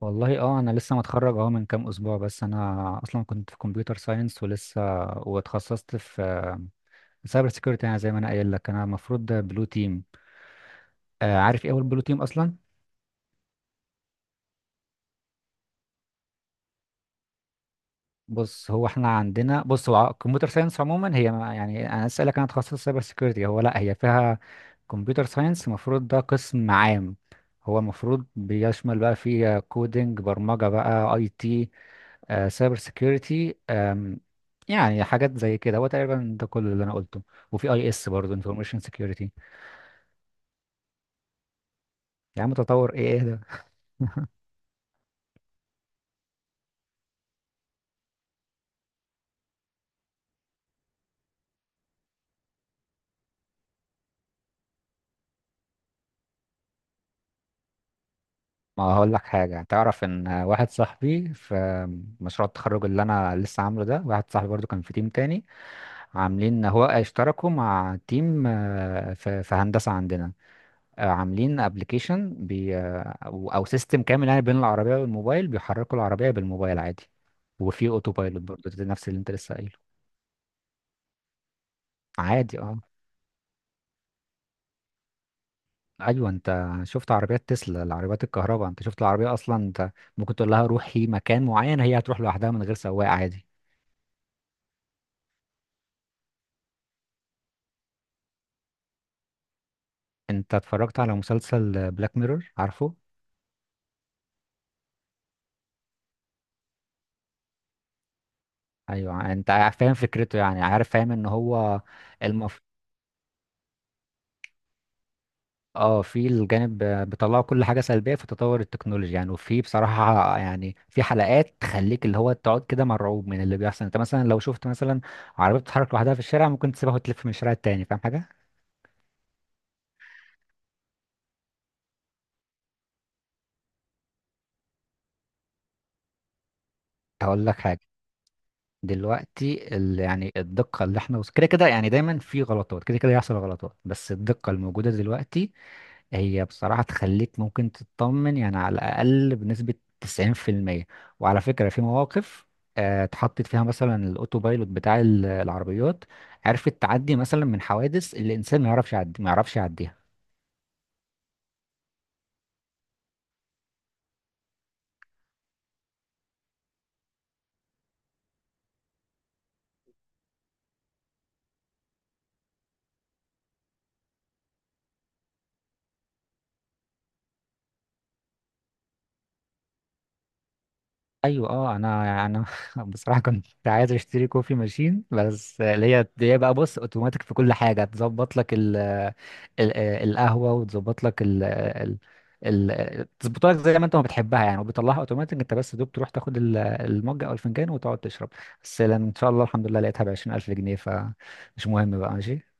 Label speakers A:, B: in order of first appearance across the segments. A: والله انا لسه متخرج من كام اسبوع، بس انا اصلا كنت في كمبيوتر ساينس ولسه واتخصصت في سايبر سيكيورتي. يعني زي ما انا قايل لك، انا المفروض بلو تيم. عارف ايه هو البلو تيم اصلا؟ بص، هو احنا عندنا، بص هو كمبيوتر ساينس عموما هي يعني انا اسالك، انا اتخصصت سايبر سيكيورتي. هو لا، هي فيها كمبيوتر ساينس، المفروض ده قسم عام. هو المفروض بيشمل بقى، فيه كودينج، برمجة بقى، اي تي، سايبر سيكيورتي، يعني حاجات زي كده. هو تقريبا ده كل اللي انا قلته، وفي اي اس برضه، انفورميشن سيكيورتي. يا عم تطور ايه ايه ده؟ ما هقول لك حاجه، تعرف ان واحد صاحبي في مشروع التخرج اللي انا لسه عامله ده، واحد صاحبي برضه كان في تيم تاني، عاملين اشتركوا مع تيم في هندسه عندنا، عاملين ابلكيشن بي آه، او أو سيستم كامل، يعني بين العربيه والموبايل، بيحركوا العربيه بالموبايل عادي. وفي اوتو بايلوت برضه، ده نفس اللي انت لسه قايله. عادي اه. ايوه، انت شفت عربيات تسلا، العربيات الكهرباء، انت شفت العربيه اصلا، انت ممكن تقول لها روحي مكان معين، هي هتروح لوحدها من غير سواق عادي. انت اتفرجت على مسلسل بلاك ميرور، عارفه؟ ايوه، فاهم فكرته، يعني عارف فاهم ان هو المف... اه، في الجانب بيطلعوا كل حاجه سلبيه في تطور التكنولوجيا يعني، وفي بصراحه يعني في حلقات تخليك، اللي هو تقعد كده مرعوب من اللي بيحصل. انت مثلا لو شفت مثلا عربيه بتتحرك لوحدها في الشارع، ممكن تسيبها وتلف من الشارع التاني، فاهم حاجه؟ هقول لك حاجه، دلوقتي يعني الدقة اللي احنا كده كده، يعني دايما في غلطات، كده كده يحصل غلطات، بس الدقة الموجودة دلوقتي هي بصراحة تخليك ممكن تطمن، يعني على الأقل بنسبة 90%. وعلى فكرة في مواقف اتحطت فيها مثلا الاوتو بايلوت بتاع العربيات، عرفت تعدي مثلا من حوادث اللي الانسان ما يعرفش يعدي، ما يعرفش يعديها. ايوه اه. انا بصراحه كنت عايز اشتري كوفي ماشين، بس اللي هي بقى، بص، اوتوماتيك في كل حاجه، تظبط لك ال القهوه، وتظبط لك ال تظبط لك زي ما انت ما بتحبها يعني، وبيطلعها اوتوماتيك، انت بس دوب تروح تاخد المج او الفنجان وتقعد تشرب. بس لأن ان شاء الله الحمد لله لقيتها ب 20000 جنيه، فمش مهم بقى، ماشي.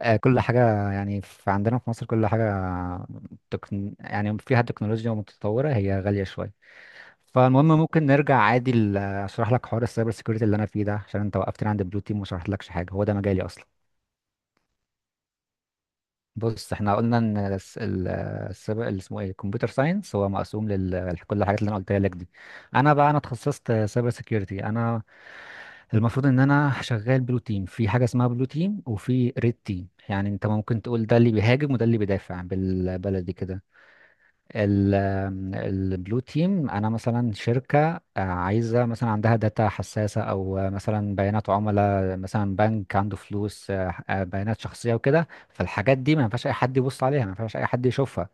A: كل حاجة يعني في عندنا في مصر، كل حاجة يعني فيها تكنولوجيا متطورة هي غالية شوية. فالمهم ممكن نرجع عادي اشرح لك حوار السايبر سيكيورتي اللي انا فيه ده، عشان انت وقفتني عند بلو تيم وما شرحتلكش حاجه، هو ده مجالي اصلا. بص، احنا قلنا ان السايبر، اللي اسمه ايه، الكمبيوتر ساينس، هو مقسوم لكل الحاجات اللي انا قلتها لك دي. انا بقى اتخصصت سايبر سيكيورتي، انا المفروض ان انا شغال بلو تيم، في حاجه اسمها بلو تيم وفي ريد تيم. يعني انت ممكن تقول ده اللي بيهاجم وده اللي بيدافع، بالبلدي كده. البلو تيم، انا مثلا شركه عايزه، مثلا عندها داتا حساسه، او مثلا بيانات عملاء، مثلا بنك عنده فلوس، بيانات شخصيه وكده، فالحاجات دي ما ينفعش اي حد يبص عليها، ما ينفعش اي حد يشوفها.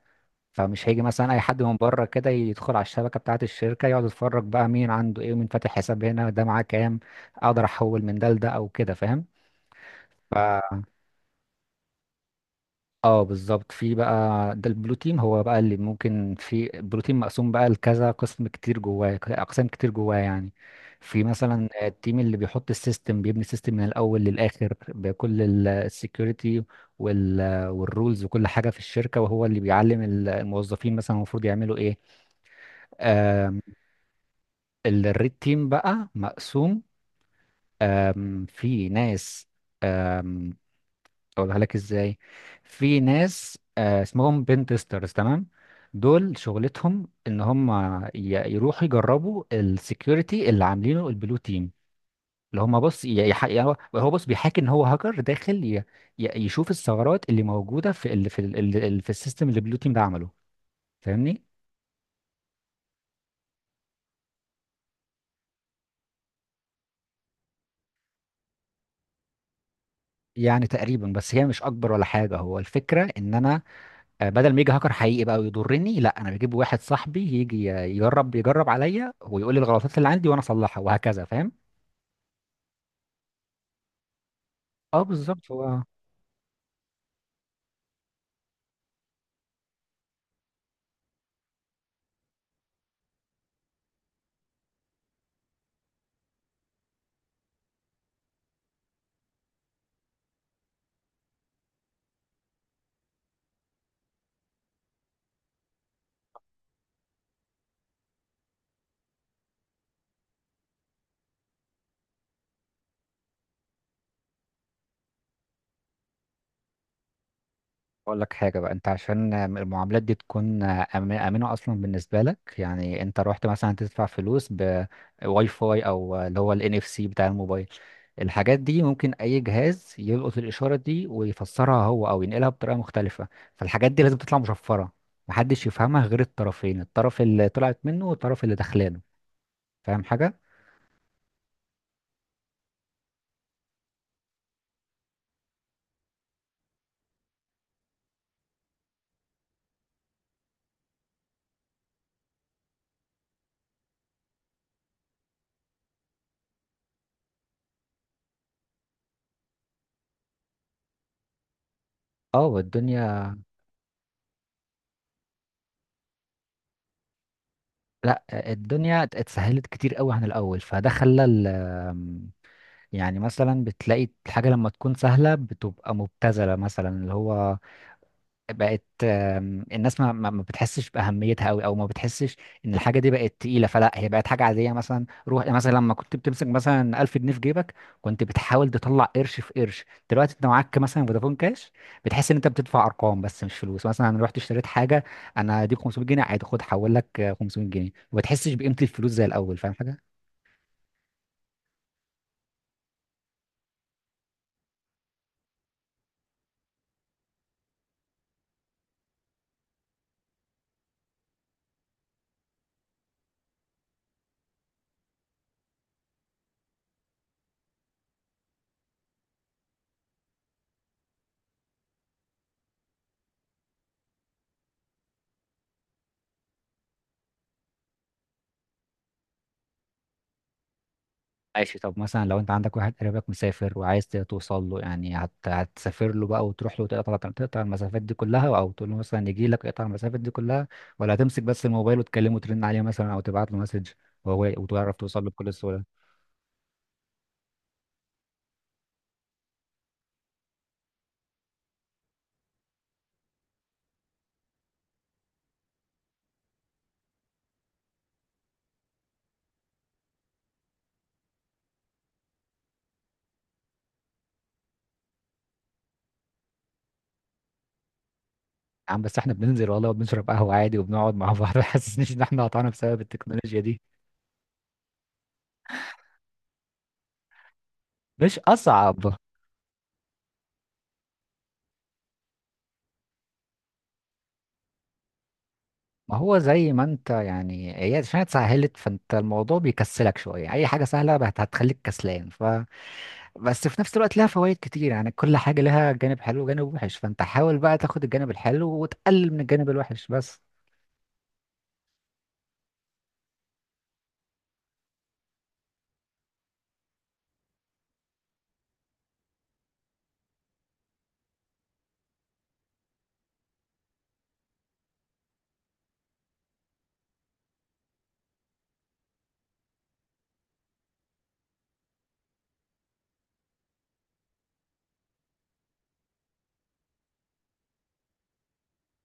A: فمش هيجي مثلا اي حد من بره كده يدخل على الشبكه بتاعه الشركه، يقعد يتفرج بقى مين عنده ايه ومين فاتح حساب هنا، ده معاه كام، اقدر احول من ده لده او كده، فاهم. اه بالظبط، في بقى، ده البروتين. هو بقى اللي ممكن، في البروتين مقسوم بقى لكذا قسم كتير جواه، اقسام كتير جواه يعني. في مثلا التيم اللي بيحط السيستم، بيبني السيستم من الاول للاخر بكل السكيورتي والرولز وكل حاجه في الشركه، وهو اللي بيعلم الموظفين مثلا المفروض يعملوا ايه. الريد تيم بقى مقسوم، في ناس، اقولها لك ازاي، في ناس اسمهم بين تيسترز، تمام، دول شغلتهم ان هم يروحوا يجربوا السكيورتي اللي عاملينه البلو تيم، اللي هم يعني هو بص بيحاكي ان هو هاكر داخل يشوف الثغرات اللي موجوده في السيستم اللي البلو تيم ده عمله، فاهمني؟ يعني تقريبا، بس هي مش اكبر ولا حاجه، هو الفكره ان انا بدل ما يجي هاكر حقيقي بقى ويضرني، لا، انا بجيب واحد صاحبي يجي يجرب عليا ويقول لي الغلطات اللي عندي وانا اصلحها وهكذا، فاهم. اه بالظبط. هو اقول لك حاجه بقى، انت عشان المعاملات دي تكون امنه اصلا بالنسبه لك، يعني انت رحت مثلا تدفع فلوس بواي فاي، او اللي هو الان اف سي بتاع الموبايل، الحاجات دي ممكن اي جهاز يلقط الاشاره دي ويفسرها هو، او ينقلها بطريقه مختلفه، فالحاجات دي لازم تطلع مشفره، محدش يفهمها غير الطرفين، الطرف اللي طلعت منه والطرف اللي دخلان، فاهم حاجة؟ اه والدنيا. لا، الدنيا اتسهلت كتير قوي عن الأول، فده خلى ال- آم، يعني مثلا بتلاقي الحاجة لما تكون سهلة بتبقى مبتذلة، مثلا اللي هو بقت، الناس ما بتحسش بأهميتها قوي، او ما بتحسش ان الحاجة دي بقت تقيلة، فلا هي بقت حاجة عادية. مثلا روح، يعني مثلا لما كنت بتمسك مثلا 1000 جنيه في جيبك، كنت بتحاول تطلع قرش في قرش. دلوقتي انت معاك مثلا فودافون كاش، بتحس ان انت بتدفع ارقام بس مش فلوس. مثلا انا رحت اشتريت حاجة، انا دي 500 جنيه، عادي، خد حول لك 500 جنيه، وما بتحسش بقيمة الفلوس زي الاول، فاهم حاجة؟ ماشي، طب مثلا لو انت عندك واحد قريبك مسافر وعايز توصل له، يعني هتسافر له بقى وتروح له، تقطع المسافات دي كلها، او تقول له مثلا يجي لك يقطع المسافات دي كلها، ولا هتمسك بس الموبايل وتكلمه وترن عليه مثلا او تبعت له مسج وهو، وتعرف توصل له بكل سهوله؟ يا عم بس احنا بننزل والله وبنشرب قهوه عادي وبنقعد مع بعض ما حسسنيش ان احنا قطعنا بسبب التكنولوجيا دي. مش اصعب. ما هو زي ما انت يعني، هي عشان اتسهلت فانت الموضوع بيكسلك شويه، اي حاجه سهله هتخليك كسلان، بس في نفس الوقت لها فوائد كتير، يعني كل حاجة لها جانب حلو وجانب وحش، فانت حاول بقى تاخد الجانب الحلو وتقلل من الجانب الوحش بس.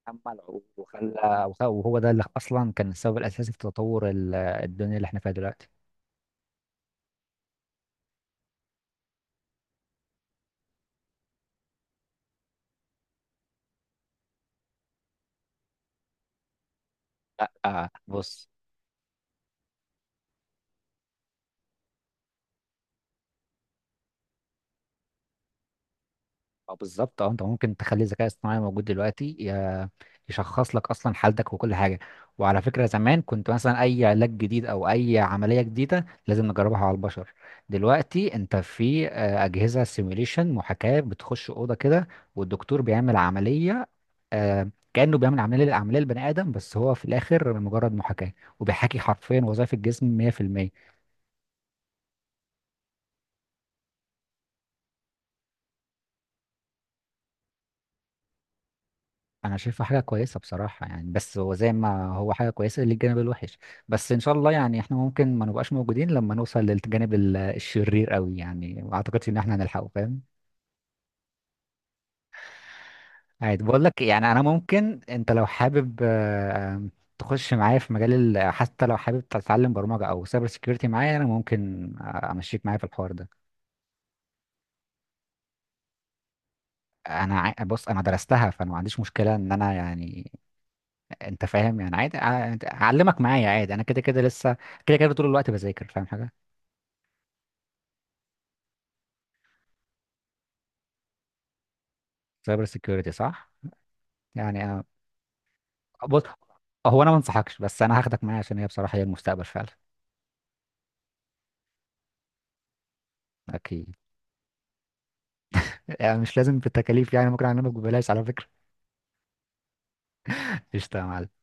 A: أما العود وخلى وهو ده اللي أصلا كان السبب الأساسي في تطور الدنيا اللي احنا فيها دلوقتي. لا بص. اه بالظبط، اه، انت ممكن تخلي الذكاء الاصطناعي موجود دلوقتي يشخص لك اصلا حالتك وكل حاجه. وعلى فكره زمان كنت مثلا اي علاج جديد او اي عمليه جديده لازم نجربها على البشر، دلوقتي انت في اجهزه سيميوليشن محاكاه، بتخش اوضه كده والدكتور بيعمل عمليه، كانه بيعمل عمليه للعمليه البني ادم، بس هو في الاخر مجرد محاكاه، وبيحاكي حرفيا وظائف الجسم 100%. انا شايفه حاجه كويسه بصراحه يعني، بس هو زي ما هو حاجه كويسه، للجانب الوحش بس ان شاء الله يعني احنا ممكن ما نبقاش موجودين لما نوصل للجانب الشرير قوي، يعني ما اعتقدش ان احنا هنلحقه، فاهم. عادي بقول لك، يعني انا ممكن انت لو حابب تخش معايا في مجال حتى لو حابب تتعلم برمجه او سايبر سيكيورتي معايا، انا ممكن امشيك معايا في الحوار ده. بص انا درستها، فانا ما عنديش مشكله ان انا يعني، انت فاهم يعني، عادي اعلمك معايا عادي، انا كده كده لسه، كده كده طول الوقت بذاكر، فاهم حاجه. سايبر سيكيورتي صح. يعني بص، هو انا ما انصحكش، بس انا هاخدك معايا عشان هي بصراحه هي المستقبل فعلا. اكيد، يعني مش لازم بالتكاليف، يعني ممكن اعلمك ببلاش على فكره. قشطه يا معلم.